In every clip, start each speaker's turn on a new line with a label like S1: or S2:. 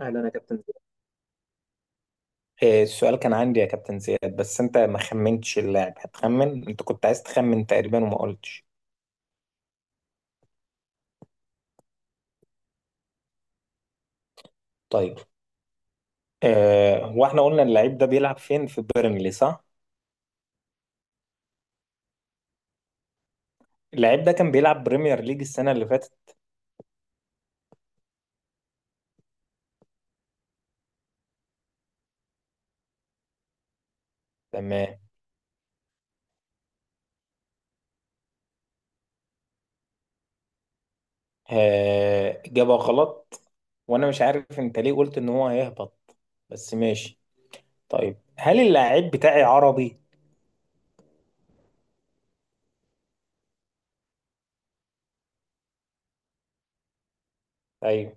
S1: اهلا يا كابتن زياد. السؤال كان عندي يا كابتن زياد، بس انت ما خمنتش اللاعب. هتخمن؟ انت كنت عايز تخمن تقريبا وما قلتش. طيب، اه هو احنا قلنا اللعيب ده بيلعب فين؟ في بيرنلي صح؟ اللعيب ده كان بيلعب بريمير ليج السنة اللي فاتت. تمام. اه، جابها غلط. وانا مش عارف انت ليه قلت ان هو هيهبط، بس ماشي. طيب، هل اللاعب بتاعي عربي؟ طيب.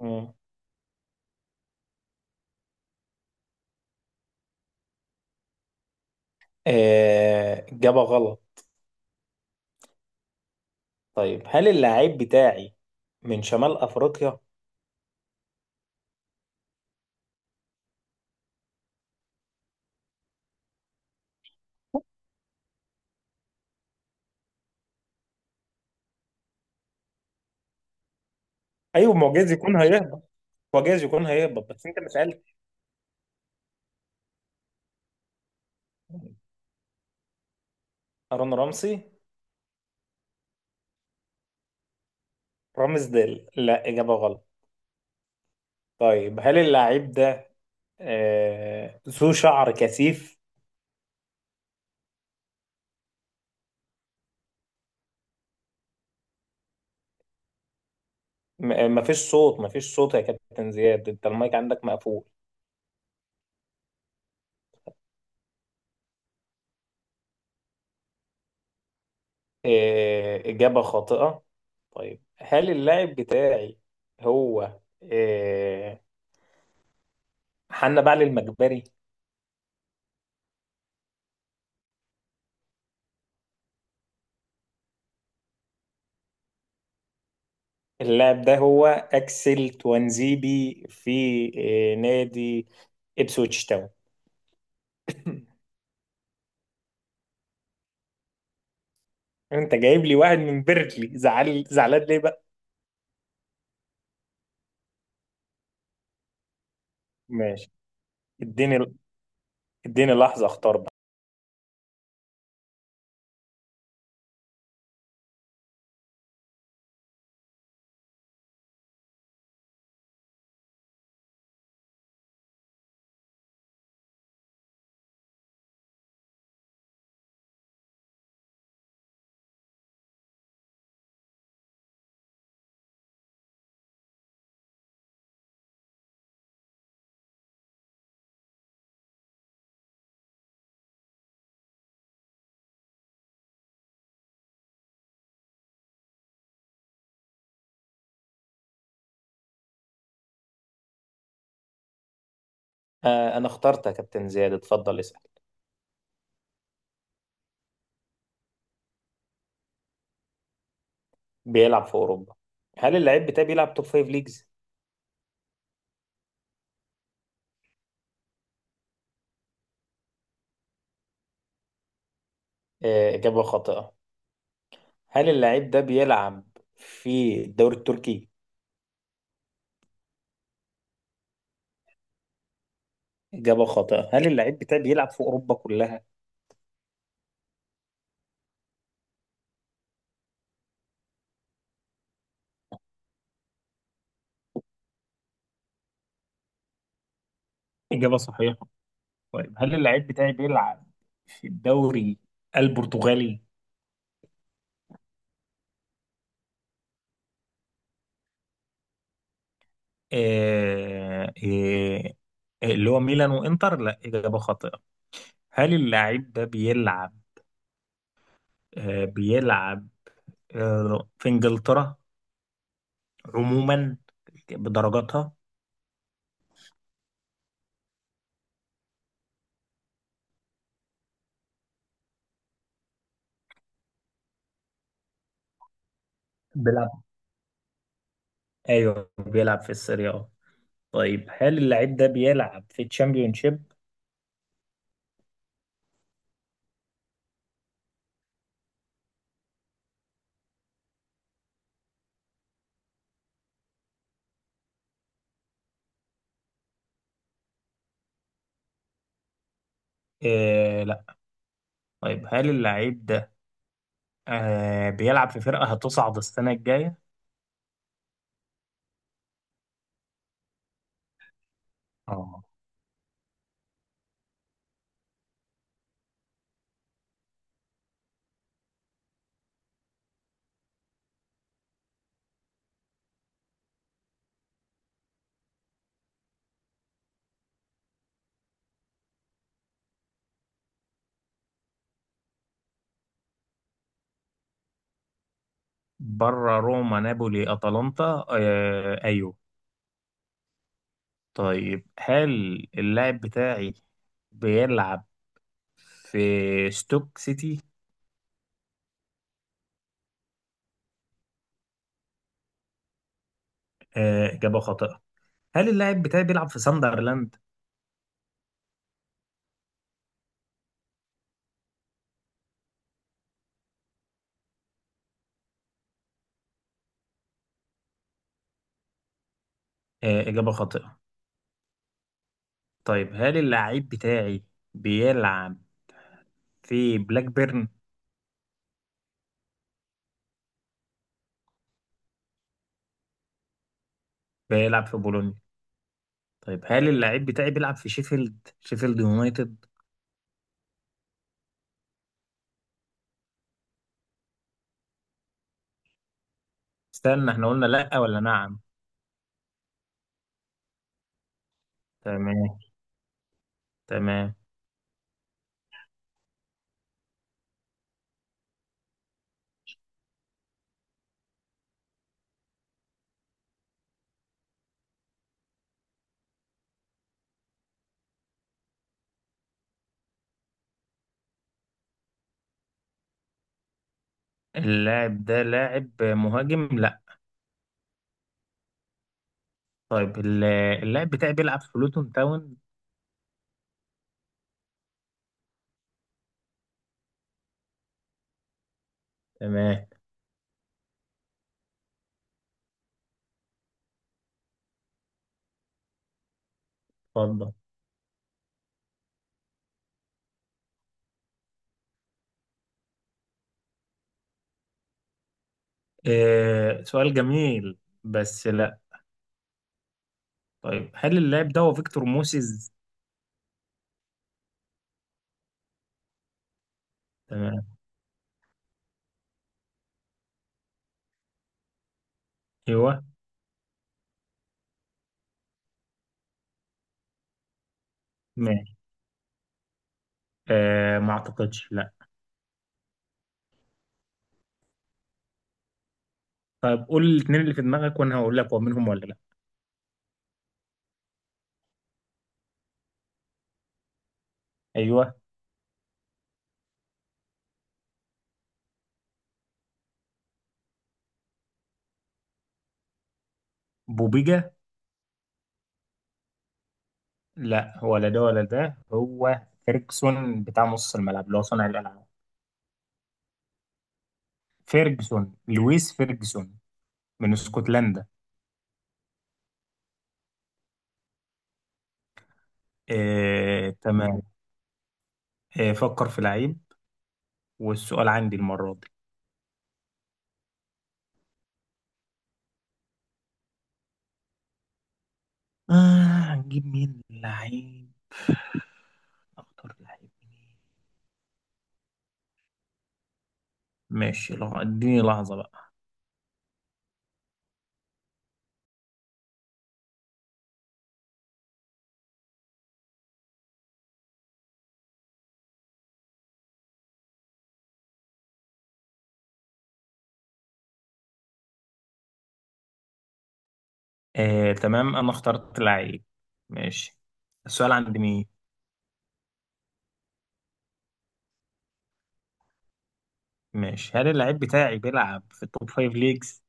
S1: مم. اه، جابها غلط. طيب، هل اللاعب بتاعي من شمال افريقيا؟ ايوه، ما هو جايز يكون هيهبط. هو جايز يكون هيهبط بس انت ما سالت. هارون رمسي. رامز ديل؟ لا، اجابه غلط. طيب، هل اللاعب ده ذو شعر كثيف؟ ما فيش صوت، ما فيش صوت يا كابتن زياد، انت المايك عندك مقفول. آه، اجابه خاطئه. طيب، هل اللاعب بتاعي هو آه حنا بعل المجبري؟ اللاعب ده هو اكسل توانزيبي في نادي ابسويتش تاون. انت جايب لي واحد من بيركلي، زعل زعلان ليه بقى؟ ماشي. اديني، اديني لحظه اختار بقى. آه، انا اخترت يا كابتن زياد، اتفضل اسال. بيلعب في اوروبا. هل اللاعب بتاعي بيلعب توب فايف ليجز؟ آه، اجابه خاطئه. هل اللاعب ده بيلعب في الدوري التركي؟ اجابه خاطئه. هل اللاعب بتاعي بيلعب في اوروبا كلها؟ اجابه صحيحه. طيب، هل اللاعب بتاعي بيلعب في الدوري البرتغالي؟ آه آه، اللي هو ميلان وانتر؟ لا، اجابه خاطئه. هل اللاعب ده بيلعب، بيلعب، في إنجلترا عموما بدرجاتها؟ بيلعب. ايوه، بيلعب في السيريا اه. طيب، هل اللاعب ده بيلعب في تشامبيونشيب؟ آه لا. طيب، هل اللاعب ده بيلعب في فرقة هتصعد السنة الجاية؟ اه. بره روما نابولي أتلانتا؟ آه ايوه. طيب، هل اللاعب بتاعي بيلعب في ستوك سيتي؟ آه، إجابة خاطئة. هل اللاعب بتاعي بيلعب في ساندرلاند؟ آه، إجابة خاطئة. طيب، هل اللاعب بتاعي بيلعب في بلاك بيرن؟ بيلعب في بولونيا. طيب، هل اللاعب بتاعي بيلعب في شيفيلد؟ شيفيلد يونايتد؟ استنى، احنا قلنا لأ ولا نعم؟ تمام. تمام. اللاعب ده لاعب مهاجم؟ لأ. طيب، اللاعب بتاعي بيلعب في لوتون تاون؟ تمام. اتفضل. آه، سؤال جميل، بس لأ. طيب، هل اللاعب ده هو فيكتور موسيز؟ تمام. ايوه. آه، ما اعتقدش، لا. طيب، قول الاثنين اللي في دماغك وانا هقول لك هو منهم ولا لا. ايوه. بوبيجا. لا، ولا ده ولا ده، هو فيرجسون بتاع نص الملعب اللي هو صانع الالعاب. فيرجسون، لويس فيرجسون، من اسكتلندا. آه، تمام. آه، فكر في لعيب، والسؤال عندي المره دي. آه. هنجيب مين لعيب؟ اختار لعيب مين؟ ماشي، اديني لحظه بقى. آه، تمام، انا اخترت لعيب. ماشي. السؤال عند مين؟ ماشي. هل اللعيب بتاعي بيلعب في التوب فايف ليجز؟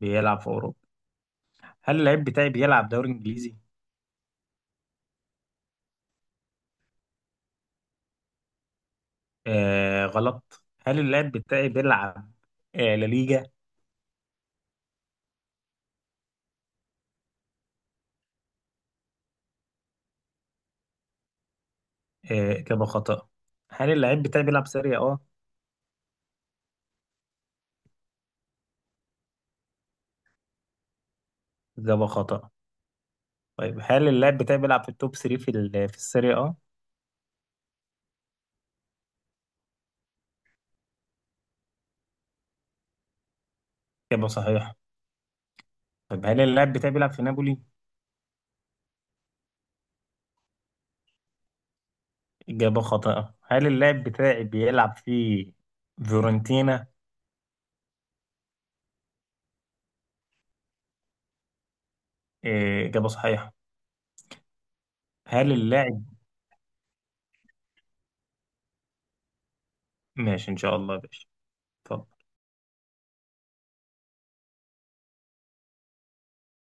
S1: بيلعب في أوروبا. هل اللعيب بتاعي بيلعب دوري إنجليزي؟ آه غلط. هل اللعيب بتاعي بيلعب لا ليجا؟ آه، إجابة خطأ. هل اللعيب بتاعي بيلعب سيريا أه؟ إجابة خطأ. طيب، هل اللعيب بتاعي بيلعب في التوب 3 في السيريا أه؟ إجابة صحيحة. طيب، هل اللاعب بتاعي بيلعب في نابولي؟ إجابة خاطئة. هل اللاعب بتاعي بيلعب في فيورنتينا؟ إيه، إجابة صحيحة. هل اللاعب ماشي إن شاء الله يا باشا. اتفضل.